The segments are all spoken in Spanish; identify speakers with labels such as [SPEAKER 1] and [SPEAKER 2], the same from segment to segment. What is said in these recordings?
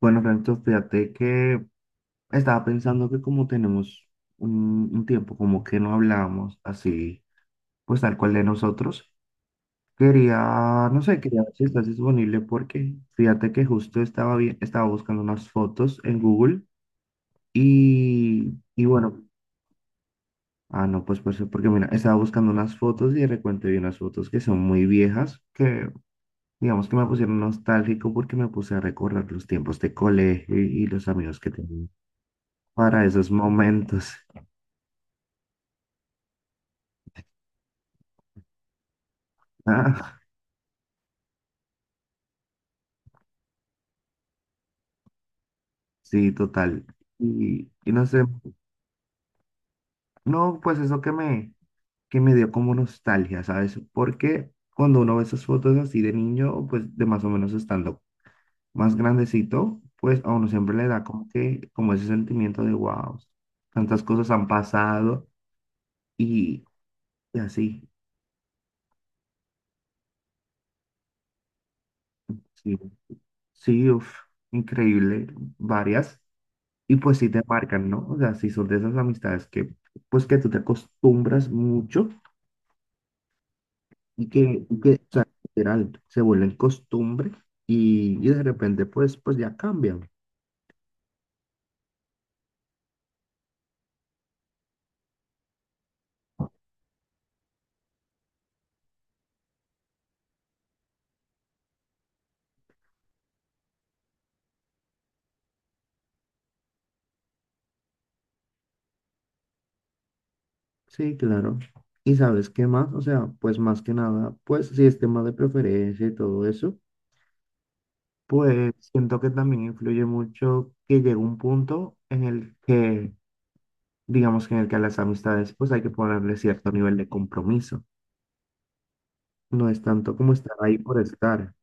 [SPEAKER 1] Bueno, Francisco, fíjate que estaba pensando que como tenemos un tiempo como que no hablábamos así, pues tal cual de nosotros, quería, no sé, quería ver si estás disponible porque fíjate que justo estaba bien, estaba buscando unas fotos en Google y bueno, ah, no, pues porque mira, estaba buscando unas fotos y de repente vi unas fotos que son muy viejas, que digamos que me pusieron nostálgico porque me puse a recordar los tiempos de colegio y los amigos que tenía para esos momentos. Ah, sí, total. Y no sé, no, pues eso que me dio como nostalgia, ¿sabes? Porque cuando uno ve esas fotos así de niño, pues de más o menos estando más grandecito, pues a uno siempre le da como que, como ese sentimiento de wow, tantas cosas han pasado y, y así. Sí, sí, uf, increíble, varias. Y pues sí te marcan, ¿no? O sea, sí son de esas amistades que, pues que tú te acostumbras mucho. O sea, literal, se vuelven costumbre y de repente pues ya cambian. Sí, claro. ¿Y sabes qué más? O sea, pues más que nada, pues si es tema de preferencia y todo eso, pues siento que también influye mucho que llega un punto en el que, digamos que en el que a las amistades pues hay que ponerle cierto nivel de compromiso. No es tanto como estar ahí por estar.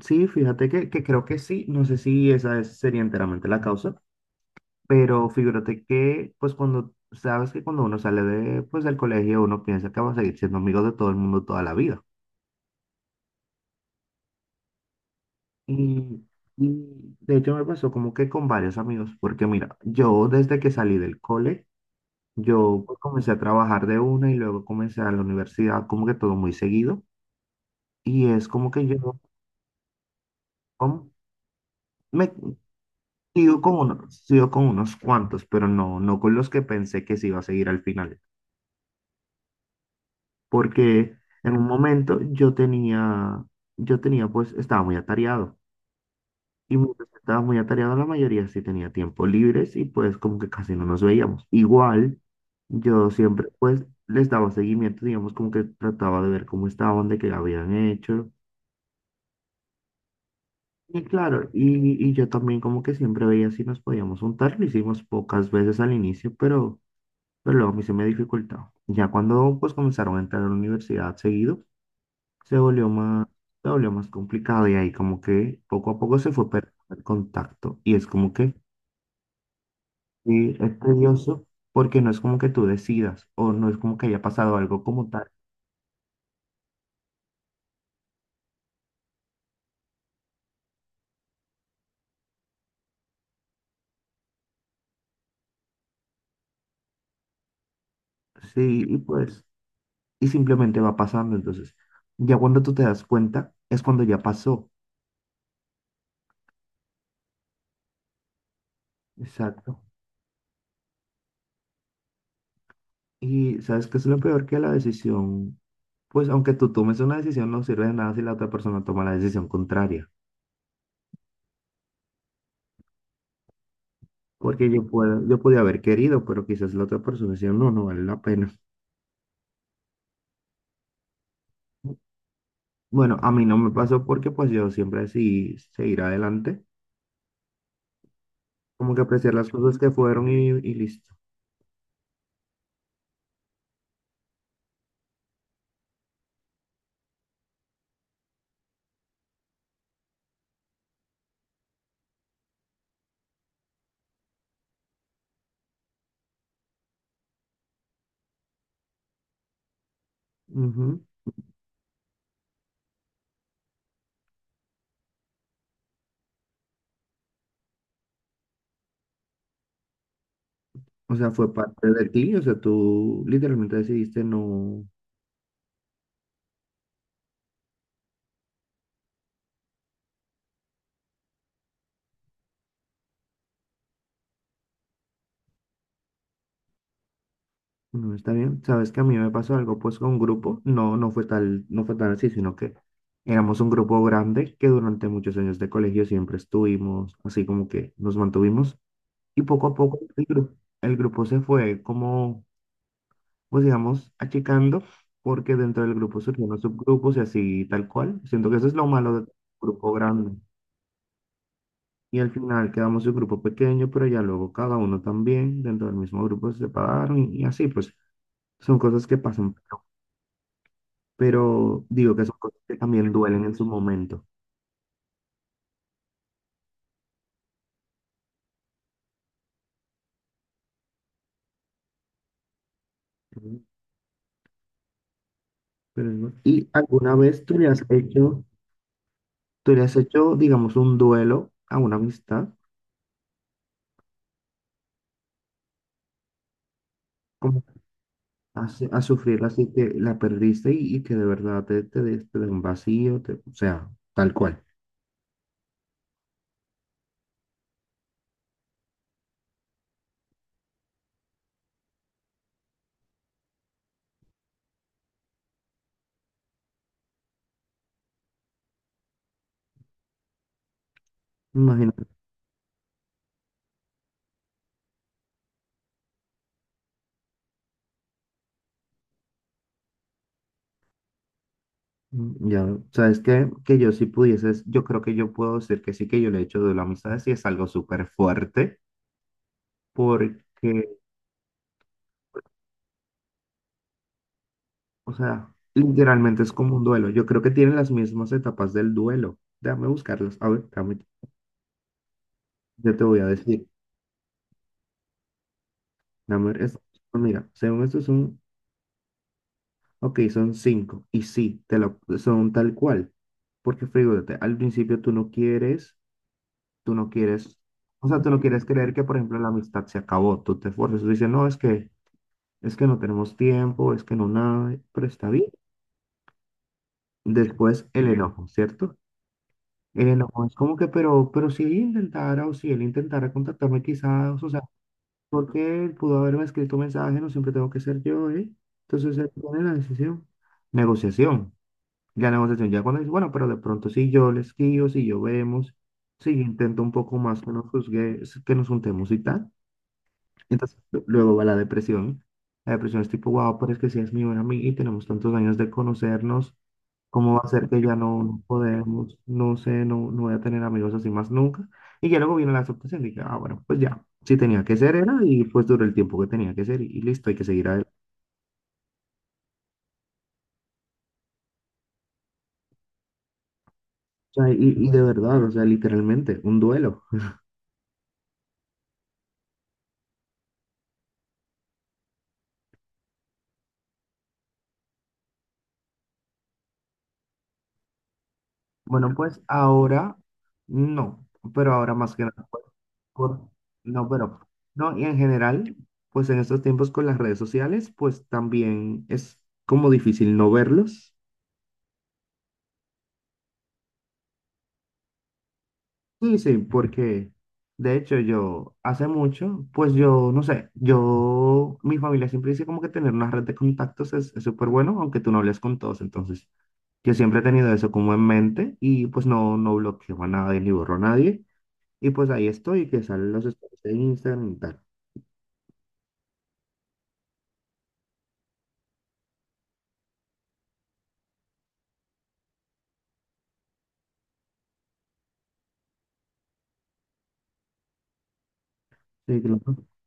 [SPEAKER 1] Sí, fíjate que creo que sí. No sé si sería enteramente la causa. Pero figúrate que, pues cuando, sabes que cuando uno sale de, pues, del colegio, uno piensa que va a seguir siendo amigo de todo el mundo toda la vida. Y, y de hecho me pasó como que con varios amigos, porque mira, yo desde que salí del cole, yo pues, comencé a trabajar de una y luego comencé a la universidad, como que todo muy seguido. Y es como que yo como- me sigo con unos cuantos, pero no, no con los que pensé que se iba a seguir al final. Porque en un momento yo tenía, pues estaba muy atareado y mientras estaba muy atareado la mayoría sí tenía tiempo libres y pues como que casi no nos veíamos. Igual yo siempre pues les daba seguimiento, digamos como que trataba de ver cómo estaban, de qué habían hecho. Y claro, y yo también como que siempre veía si nos podíamos juntar, lo hicimos pocas veces al inicio, pero luego a mí se me dificultaba. Ya cuando pues comenzaron a entrar a la universidad seguido, se volvió más, se volvió más complicado y ahí como que poco a poco se fue perdiendo el contacto y es como que sí, es tedioso porque no es como que tú decidas o no es como que haya pasado algo como tal. Sí, y pues, y simplemente va pasando. Entonces, ya cuando tú te das cuenta, es cuando ya pasó. Exacto. Y sabes que es lo peor que la decisión, pues aunque tú tomes una decisión, no sirve de nada si la otra persona toma la decisión contraria. Porque yo podía haber querido, pero quizás la otra persona decía, no, no vale la pena. Bueno, a mí no me pasó porque pues yo siempre decidí seguir adelante, como que apreciar las cosas que fueron y listo. Ujú. O sea, fue parte de ti, o sea, tú literalmente decidiste no, no está bien. Sabes que a mí me pasó algo pues con un grupo, no, no fue tal, no fue tan así, sino que éramos un grupo grande que durante muchos años de colegio siempre estuvimos, así como que nos mantuvimos y poco a poco el grupo se fue como pues digamos, achicando, porque dentro del grupo surgen los subgrupos y así tal cual. Siento que eso es lo malo del grupo grande. Y al final quedamos un grupo pequeño, pero ya luego cada uno también dentro del mismo grupo se separaron y así, pues son cosas que pasan, pero digo que son cosas que también duelen en su momento. Ujú, pero es bueno. ¿Y alguna vez tú le has hecho, digamos, un duelo a una amistad? A sufrirla así que la perdiste y que de verdad te dé un vacío, o sea, tal cual. Imagínate, mm, ya, sabes que yo si pudieses, yo creo que yo puedo decir que sí que yo le he hecho de la amistad, sí es algo súper fuerte, porque, o sea, literalmente es como un duelo. Yo creo que tienen las mismas etapas del duelo. Déjame buscarlas. A ver, yo te voy a decir. Dame, esto, mira, según esto es un... Ok, son cinco. Y sí, te lo, son tal cual. Porque fíjate, al principio tú no quieres, o sea, tú no quieres creer que, por ejemplo, la amistad se acabó. Tú te esfuerzas, tú dices, no, es que no tenemos tiempo, es que no nada, pero está bien. Después el enojo, ¿cierto? El enojo es como que, pero si ella intentara o si él intentara contactarme quizás, o sea, porque él pudo haberme escrito un mensaje, no siempre tengo que ser yo, ¿eh? Entonces él pone la decisión. Negociación. Ya negociación, ya cuando dice, bueno, pero de pronto si yo les guío, si yo vemos, si yo intento un poco más que nos juzgue, que nos juntemos y tal. Entonces, luego va la depresión. La depresión es tipo, wow, pero es que si es mi buena amiga y tenemos tantos años de conocernos, ¿cómo va a ser que ya no, no podemos? No sé, no, no voy a tener amigos así más nunca. Y ya luego viene la aceptación, dije, ah, bueno, pues ya, si tenía que ser era y pues duró el tiempo que tenía que ser y listo, hay que seguir adelante. O sea, y de verdad, o sea, literalmente, un duelo. Bueno, pues ahora no, pero ahora más que nada, pues, por- no, pero no, y en general, pues en estos tiempos con las redes sociales, pues también es como difícil no verlos. Sí, sí, porque de hecho yo hace mucho, pues yo no sé, yo, mi familia siempre dice como que tener una red de contactos es súper bueno, aunque tú no hables con todos, entonces yo siempre he tenido eso como en mente y pues no, no bloqueo a nadie ni borro a nadie. Y pues ahí estoy, que salen los stories de Instagram y tal. Sí, claro. O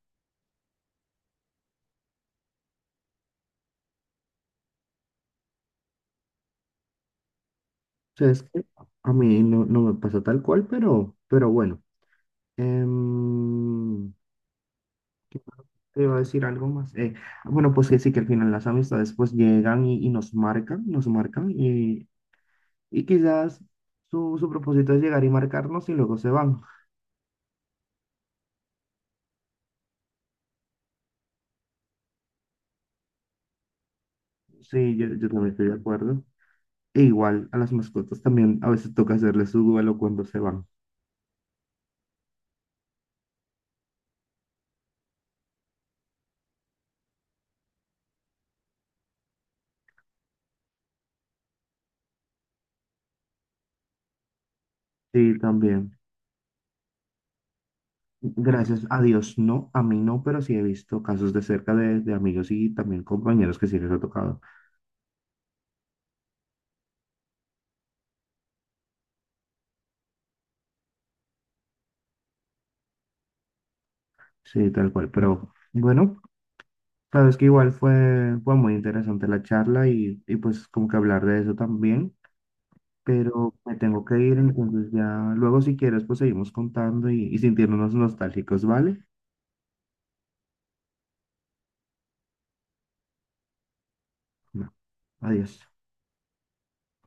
[SPEAKER 1] sea, es que a mí no, no me pasó tal cual, pero bueno. Em, ¿Qué te iba a decir algo más? Bueno, pues que sí, que al final las amistades pues llegan y nos marcan y quizás su propósito es llegar y marcarnos y luego se van. Sí, yo también estoy de acuerdo. E igual a las mascotas también a veces toca hacerles su duelo cuando se van. Sí, también. Gracias a Dios, no, a mí no, pero sí he visto casos de cerca de amigos y también compañeros que sí les ha tocado. Sí, tal cual. Pero bueno, sabes que igual fue, fue muy interesante la charla y pues como que hablar de eso también, pero me tengo que ir, entonces ya luego si quieres pues seguimos contando y sintiéndonos nostálgicos, ¿vale? Bueno, adiós.